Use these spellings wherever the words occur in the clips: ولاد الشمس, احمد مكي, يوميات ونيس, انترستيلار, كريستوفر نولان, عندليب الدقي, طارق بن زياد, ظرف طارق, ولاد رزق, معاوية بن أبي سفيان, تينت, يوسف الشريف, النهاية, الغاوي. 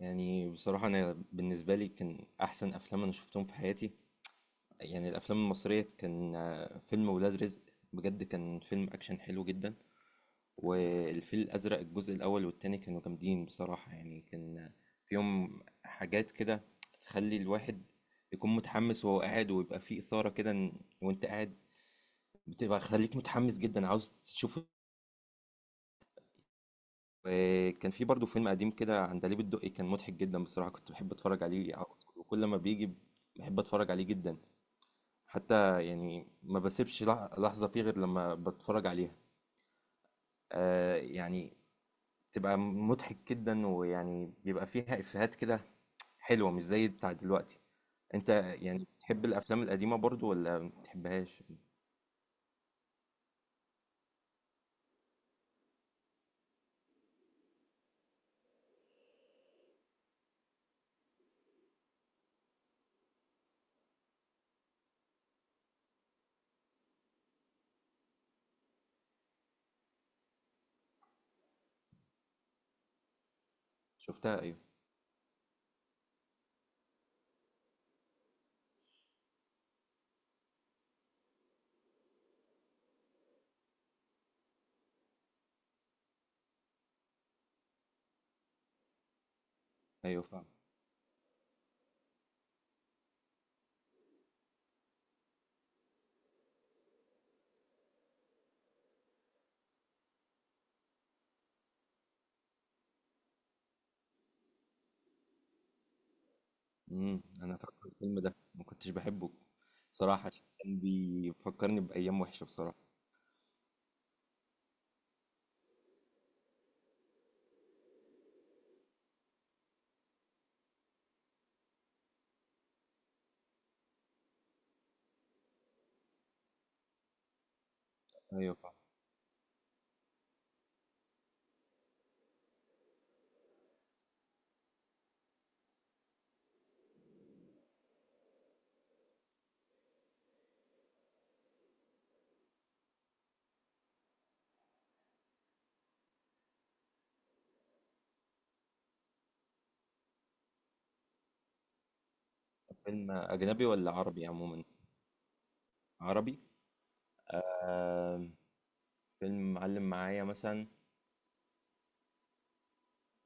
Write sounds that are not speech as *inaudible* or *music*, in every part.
يعني بصراحة أنا بالنسبة لي كان أحسن أفلام أنا شفتهم في حياتي. يعني الأفلام المصرية كان فيلم ولاد رزق، بجد كان فيلم أكشن حلو جدا. والفيل الأزرق الجزء الأول والتاني كانوا جامدين بصراحة، يعني كان فيهم حاجات كده تخلي الواحد يكون متحمس وهو قاعد ويبقى فيه إثارة كده. وأنت قاعد بتبقى خليك متحمس جدا عاوز تشوف. وكان في برضه فيلم قديم كده، عندليب الدقي، كان مضحك جدا بصراحة، كنت بحب اتفرج عليه على طول وكل ما بيجي بحب اتفرج عليه جدا. حتى يعني ما بسيبش لحظة فيه غير لما بتفرج عليها، آه يعني تبقى مضحك جدا، ويعني بيبقى فيها إفيهات كده حلوة مش زي بتاع دلوقتي. انت يعني بتحب الافلام القديمة برضو ولا ما بتحبهاش؟ شفتها ايوه. ايوه فعلا. انا فاكر الفيلم ده ما كنتش بحبه صراحة، كان بيفكرني بأيام وحشة بصراحة. ايوه فاهم. فيلم اجنبي ولا عربي عموما؟ عربي. آه، فيلم معلم معايا مثلا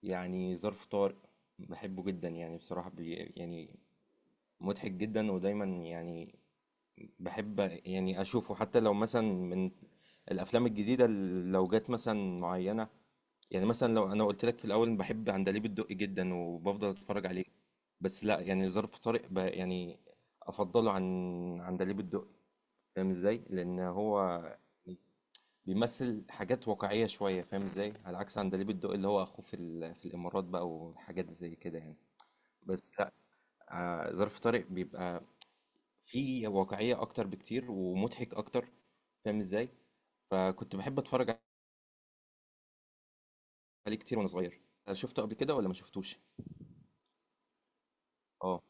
يعني ظرف طارق، بحبه جدا يعني بصراحة، بي يعني مضحك جدا، ودايما يعني بحب يعني اشوفه، حتى لو مثلا من الافلام الجديدة، لو جت مثلا معينة. يعني مثلا لو انا قلت لك في الاول بحب عندليب الدقي جدا وبفضل اتفرج عليه، بس لا يعني ظرف طارق يعني افضله عن عندليب الدقي، فاهم ازاي؟ لان هو بيمثل حاجات واقعية شوية، فاهم ازاي، على عكس عندليب الدقي اللي هو اخوه في في الامارات بقى، وحاجات زي كده يعني. بس لا، ظرف طارق بيبقى فيه واقعية اكتر بكتير ومضحك اكتر، فاهم ازاي؟ فكنت بحب اتفرج عليه كتير وانا صغير. شفته قبل كده ولا ما شفتوش؟ اه.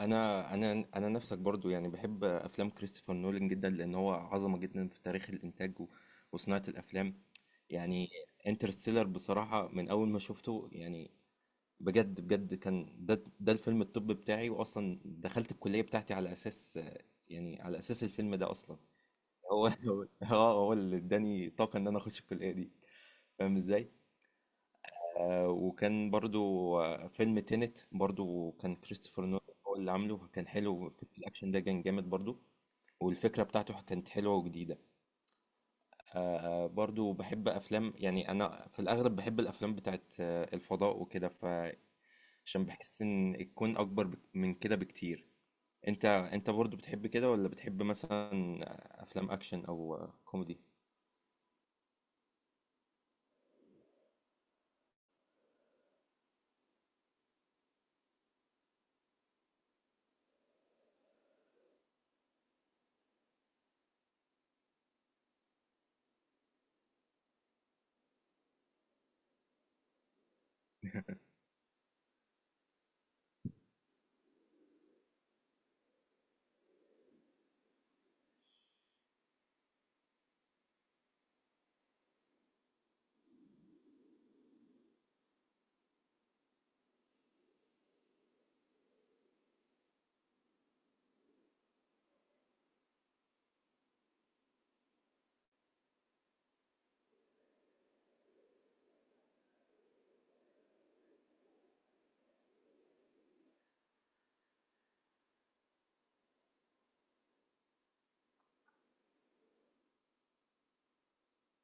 انا نفسك برضو، يعني بحب افلام كريستوفر نولان جدا، لان هو عظمه جدا في تاريخ الانتاج وصناعه الافلام. يعني انترستيلر بصراحه من اول ما شفته، يعني بجد بجد كان ده الفيلم الطب بتاعي، واصلا دخلت الكليه بتاعتي على اساس يعني على اساس الفيلم ده اصلا. هو *laughs* هو هو اللي اداني طاقه ان انا اخش الكليه دي، فاهم ازاي؟ وكان برضو فيلم تينت برضو كان كريستوفر نولان هو اللي عامله، كان حلو الأكشن ده، كان جامد برضو، والفكرة بتاعته كانت حلوة وجديدة. برضو بحب أفلام، يعني أنا في الأغلب بحب الأفلام بتاعت الفضاء وكده، فعشان بحس إن الكون أكبر من كده بكتير. أنت برضو بتحب كده، ولا بتحب مثلا أفلام أكشن أو كوميدي؟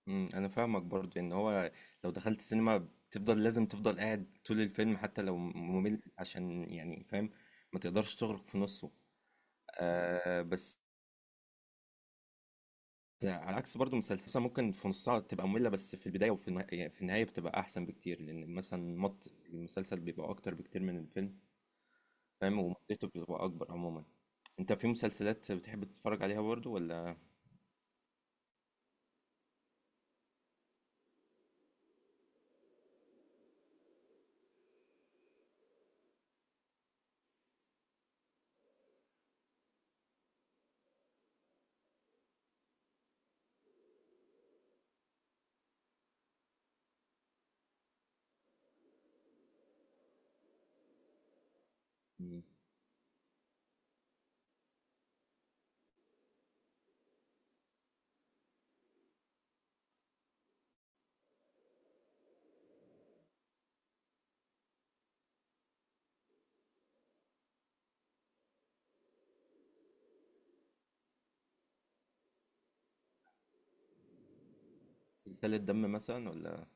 انا فاهمك، برضو ان هو لو دخلت السينما بتفضل لازم تفضل قاعد طول الفيلم حتى لو ممل، عشان يعني فاهم ما تقدرش تغرق في نصه. آه بس على عكس برضو مسلسل مثلاً، ممكن في نصها تبقى مملة بس في البداية وفي يعني في النهاية بتبقى احسن بكتير، لان مثلا مط المسلسل بيبقى اكتر بكتير من الفيلم، فاهم، ومدته بتبقى اكبر عموما. انت في مسلسلات بتحب تتفرج عليها برضو ولا؟ مم. سلسلة دم مثلا ولا؟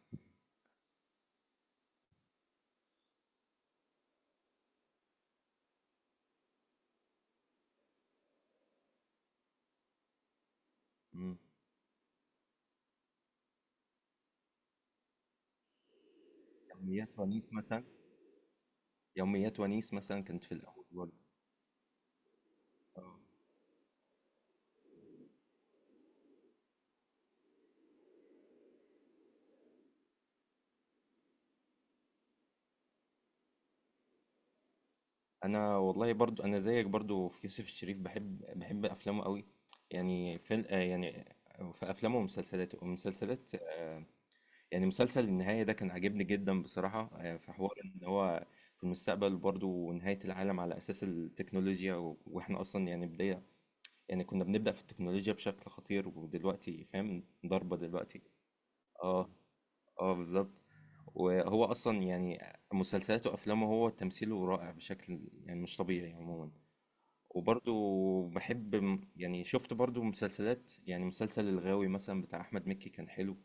مم. يوميات ونيس مثلا؟ يوميات ونيس مثلا كانت في الاول برضه. آه. انا والله برضو انا زيك برضو في يوسف الشريف، بحب افلامه قوي. يعني في يعني في افلامه ومسلسلاته ومسلسلات يعني مسلسل النهايه ده كان عاجبني جدا بصراحه. في حوار ان هو في المستقبل برضو ونهايه العالم على اساس التكنولوجيا واحنا اصلا يعني بدايه، يعني كنا بنبدا في التكنولوجيا بشكل خطير ودلوقتي فاهم ضربه دلوقتي. اه. اه بالظبط. وهو اصلا يعني مسلسلاته وافلامه، هو تمثيله رائع بشكل يعني مش طبيعي عموما. وبرضو بحب يعني شفت برضو مسلسلات، يعني مسلسل الغاوي مثلا بتاع احمد مكي كان حلو،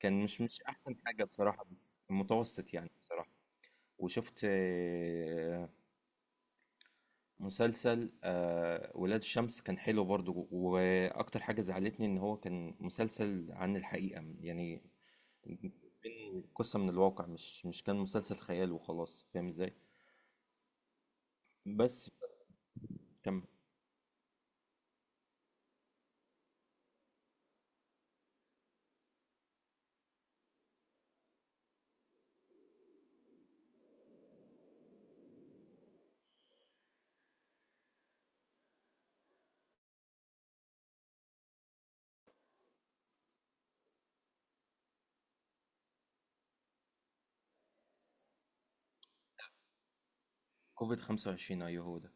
كان مش احسن حاجة بصراحة بس متوسط يعني بصراحة. وشفت مسلسل ولاد الشمس، كان حلو برضو، واكتر حاجة زعلتني ان هو كان مسلسل عن الحقيقة يعني، بين قصة من الواقع، مش كان مسلسل خيال وخلاص، فاهم ازاي؟ بس كم كوفيد 25؟ ايوه هو ده.